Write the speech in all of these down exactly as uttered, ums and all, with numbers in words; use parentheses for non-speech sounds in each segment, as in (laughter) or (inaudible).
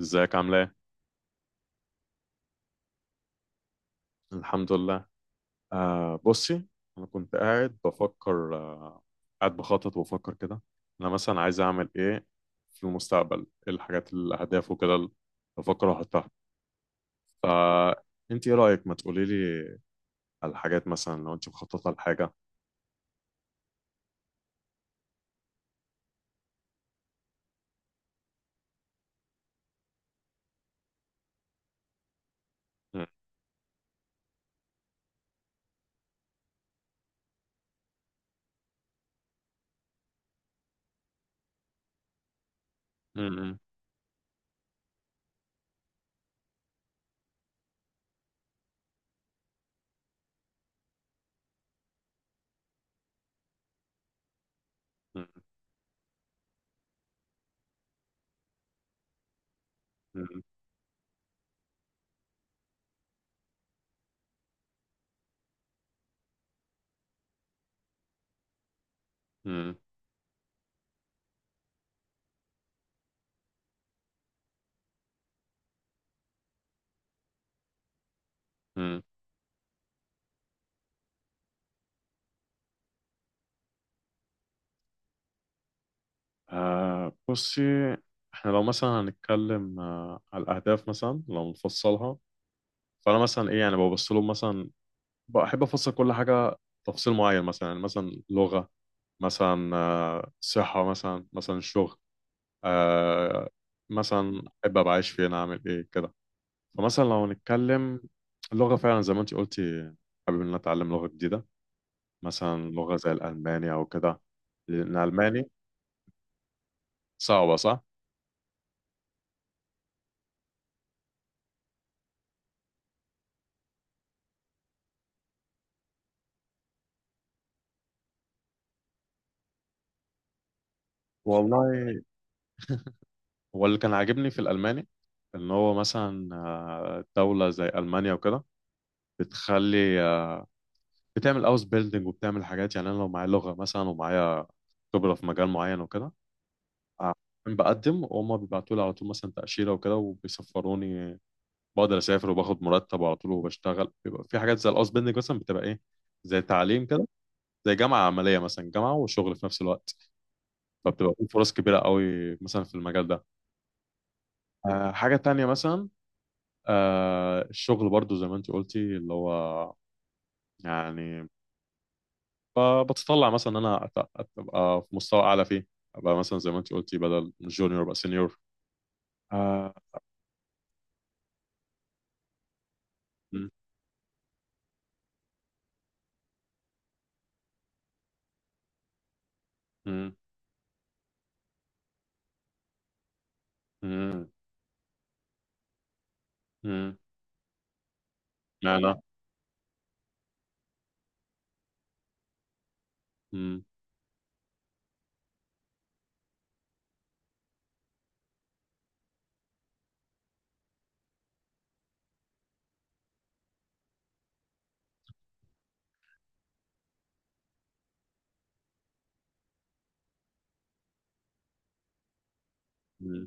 ازيك عامله ايه؟ الحمد لله. آه بصي، انا كنت قاعد بفكر آه قاعد بخطط وبفكر كده. انا مثلا عايز اعمل ايه في المستقبل، ايه الحاجات الاهداف وكده اللي بفكر احطها. فانت ايه رايك، ما تقولي لي على الحاجات مثلا لو انت مخططه لحاجه. م- م- م- م- م- م- آه بصي، احنا لو مثلا هنتكلم آه على الاهداف، مثلا لو نفصلها، فانا مثلا ايه يعني ببص لهم، مثلا بحب افصل كل حاجه تفصيل معين، مثلا يعني مثلا لغه، مثلا آه، صحه، مثلا مثلا شغل، آه، مثلا احب ابقى عايش فين اعمل ايه كده. فمثلا لو نتكلم اللغه، فعلا زي ما انت قلتي، حابب ان أنا اتعلم لغه جديده، مثلا لغه زي الالماني او كده، لان الالماني صعبه صح. والله، هو اللي كان عاجبني في الالماني ان هو مثلا آه، دوله زي المانيا وكده، بتخلي آه، بتعمل اوس بيلدينج وبتعمل حاجات. يعني انا لو معايا لغه مثلا ومعايا خبره في مجال معين وكده، أنا بقدم وهم بيبعتوا لي على طول مثلا تاشيره وكده وبيسفروني، بقدر اسافر وباخد مرتب على طول وبشتغل. بيبقى في حاجات زي الاوس بيلدينج مثلا، بتبقى ايه زي تعليم كده، زي جامعه عمليه، مثلا جامعه وشغل في نفس الوقت، فبتبقى في فرص كبيره قوي مثلا في المجال ده. آه، حاجه تانية مثلا، آه، الشغل برضو زي ما انت قلتي، اللي هو يعني فبتطلع مثلا ان انا أت- أت- ابقى في مستوى اعلى فيه، ابقى مثلا زي ما انت قلتي بدل جونيور ابقى سينيور. آه. مم، مم، مم، مم. معنى. مم، مم،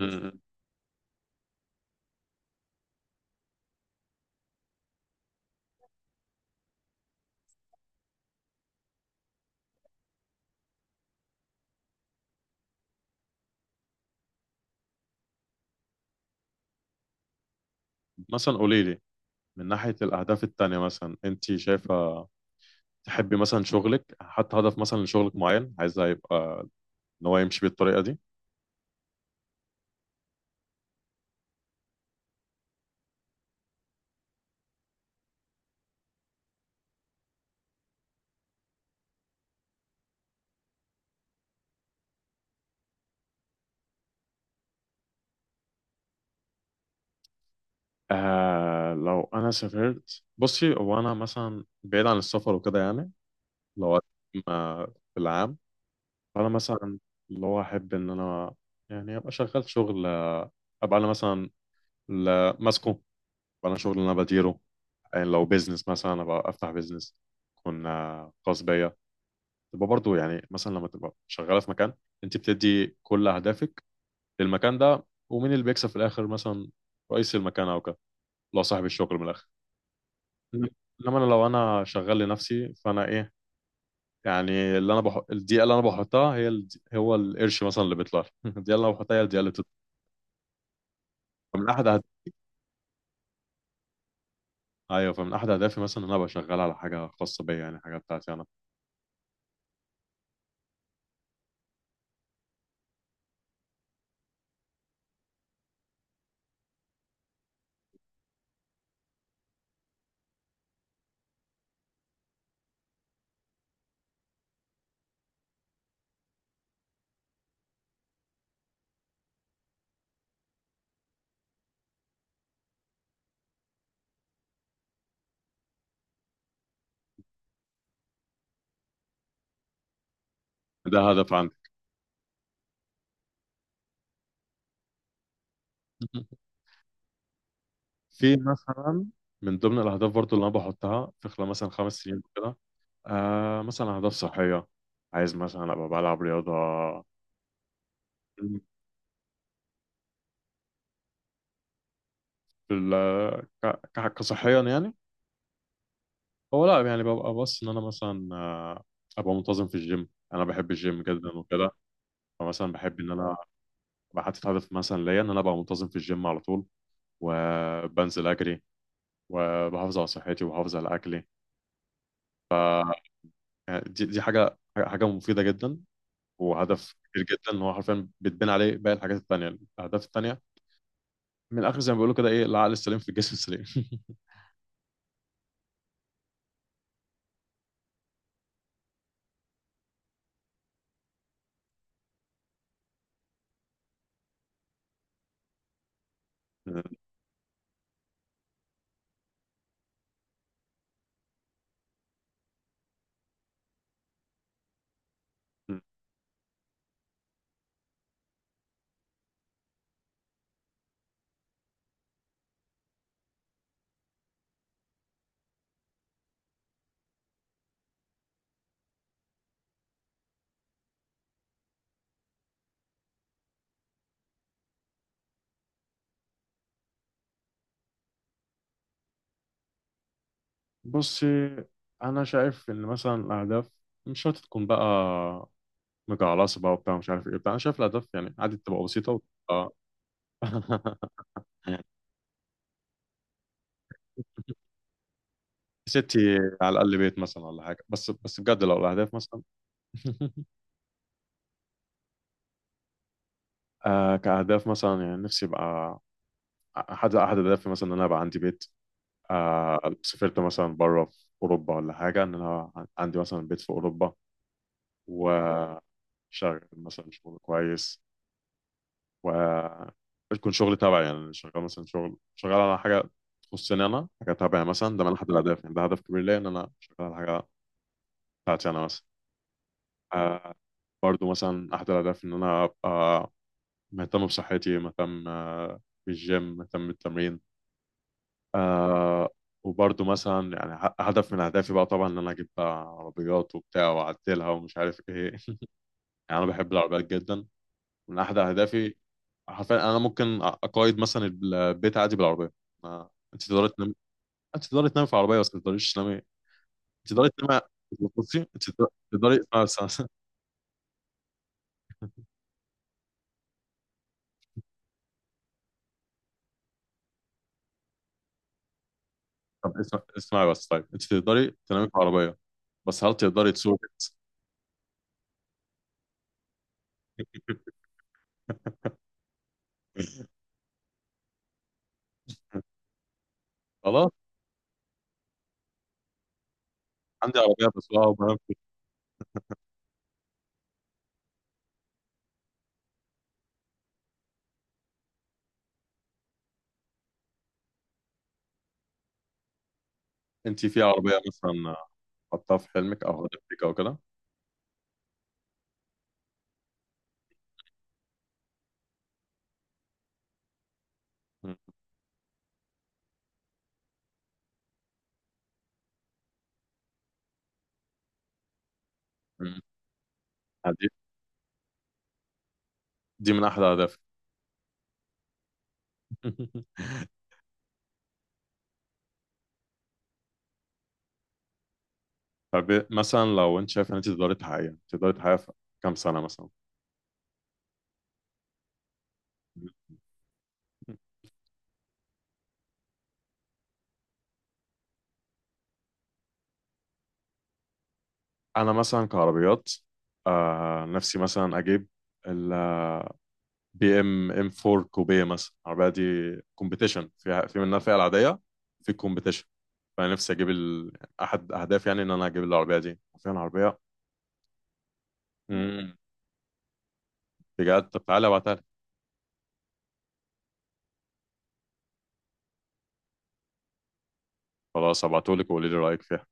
مم. مثلا قولي لي، من ناحية الأهداف التانية مثلا، أنت شايفة تحبي مثلا شغلك، حتى هدف مثلا لشغلك معين عايزة يبقى إن هو يمشي بالطريقة دي. آه لو أنا سافرت بصي، هو أنا مثلا بعيد عن السفر وكده يعني، لو ما في العام، انا مثلا اللي هو احب ان انا يعني ابقى شغال شغل، آه، ابقى انا مثلا ل- ماسكه، ابقى انا شغل اللي انا بديره. يعني لو بيزنس مثلا، ابقى افتح بيزنس يكون آه، خاص بيا. تبقى برضو يعني مثلا لما تبقى شغاله في مكان، انت بتدي كل اهدافك للمكان ده، ومين اللي بيكسب في الاخر مثلا؟ رئيس المكان او كده، لو صاحب الشغل، من الاخر. انما انا لو انا شغال لنفسي، فانا ايه يعني، اللي انا بحط الدقيقه اللي انا بحطها هي الد... هو القرش مثلا اللي بيطلع لي. (laughs) الدقيقه اللي انا بحطها هي الدقيقه اللي فمن احد أهد... ايوه، فمن احد اهدافي مثلا ان انا ابقى شغال على حاجه خاصه بيا، يعني حاجه بتاعتي انا. ده هدف عندي. (laughs) في مثلا من ضمن الاهداف برضو اللي انا بحطها في خلال مثلا خمس سنين كده، آه مثلا اهداف صحيه، عايز مثلا ابقى بلعب رياضه. في ال... ك... ك... كصحيا يعني، هو لا يعني ببقى بص ان انا مثلا آه، ابقى منتظم في الجيم. انا بحب الجيم جدا وكده، فمثلا بحب ان انا بحط هدف مثلا ليا ان انا ابقى منتظم في الجيم على طول، وبنزل اجري، وبحافظ على صحتي وبحافظ على اكلي. يعني دي, دي حاجه حاجه مفيده جدا، وهدف كبير جدا ان هو حرفيا بتبني عليه باقي الحاجات التانية، الاهداف التانية. من الاخر زي ما بيقولوا كده، ايه، العقل السليم في الجسم السليم. (laughs) بصي، انا شايف ان مثلا الاهداف مش شرط تكون بقى مجعلصه بقى وبتاع مش عارف ايه بتاع. انا شايف الاهداف يعني عادي تبقى بسيطه وتبقى. (laughs) ستي، على الاقل بيت مثلا ولا حاجه. بس بس بجد لو الاهداف مثلا. (laughs) آه كأهداف مثلا، يعني نفسي يبقى احد احد الاهداف مثلا ان انا ابقى عندي بيت. آه، سافرت مثلا بره في اوروبا ولا حاجه، ان انا عندي مثلا بيت في اوروبا، وشغل مثلا شغل كويس، ويكون شغل تبعي يعني شغال مثلا شغل شغال على حاجه تخصني انا، حاجه تبعي مثلا. ده من احد الاهداف يعني، ده هدف كبير ليا ان انا شغال على حاجه بتاعتي انا مثلا. آه، برضو مثلا، احد الاهداف ان انا ابقى مهتم بصحتي، مهتم آه، بالجيم، مهتم بالتمرين. آه. وبرضه مثلا يعني ه- هدف من اهدافي بقى طبعا ان انا اجيب بقى عربيات وبتاع واعدلها ومش عارف ايه. (laughs) يعني انا بحب العربيات جدا، من احد اهدافي. حرفيا انا ممكن أ- اقيد مثلا البيت عادي بالعربيه. ما انت تقدري تنامي، انت تقدري تنامي في عربيه، بس ما تقدريش تنامي. انت تقدري تنامي في الكرسي، انت تقدر- تقدري اسمعي بس. (laughs) بس- طب اسمع- اسمعي بس، طيب انت تقدري تنامي في عربيه، بس هل تقدري تسوقي؟ خلاص، عندي عربيه بسوقها وبنام فيها. انت في عربيه مثلا حطها في حلمك او هدفك او كده. مم. آه، دي دي من احلى اهدافي. (laughs) طب مثلا لو انت شايف ان انت تقدري تحققيها، تقدري تحققيها في كام سنه مثلا؟ انا مثلا كعربيات، آه نفسي مثلا اجيب ال آه، بي ام ام فور كوبيه مثلا، العربيه دي كومبيتيشن، فيها، في منها الفئه العاديه، في كومبيتيشن. فانا نفسي اجيب ال... احد اهدافي يعني ان انا اجيب العربيه دي فعلا، عربيه. مم. بجد، طب تعالى ابعتها لي. خلاص، ابعتهولك وقولي لي رايك فيها.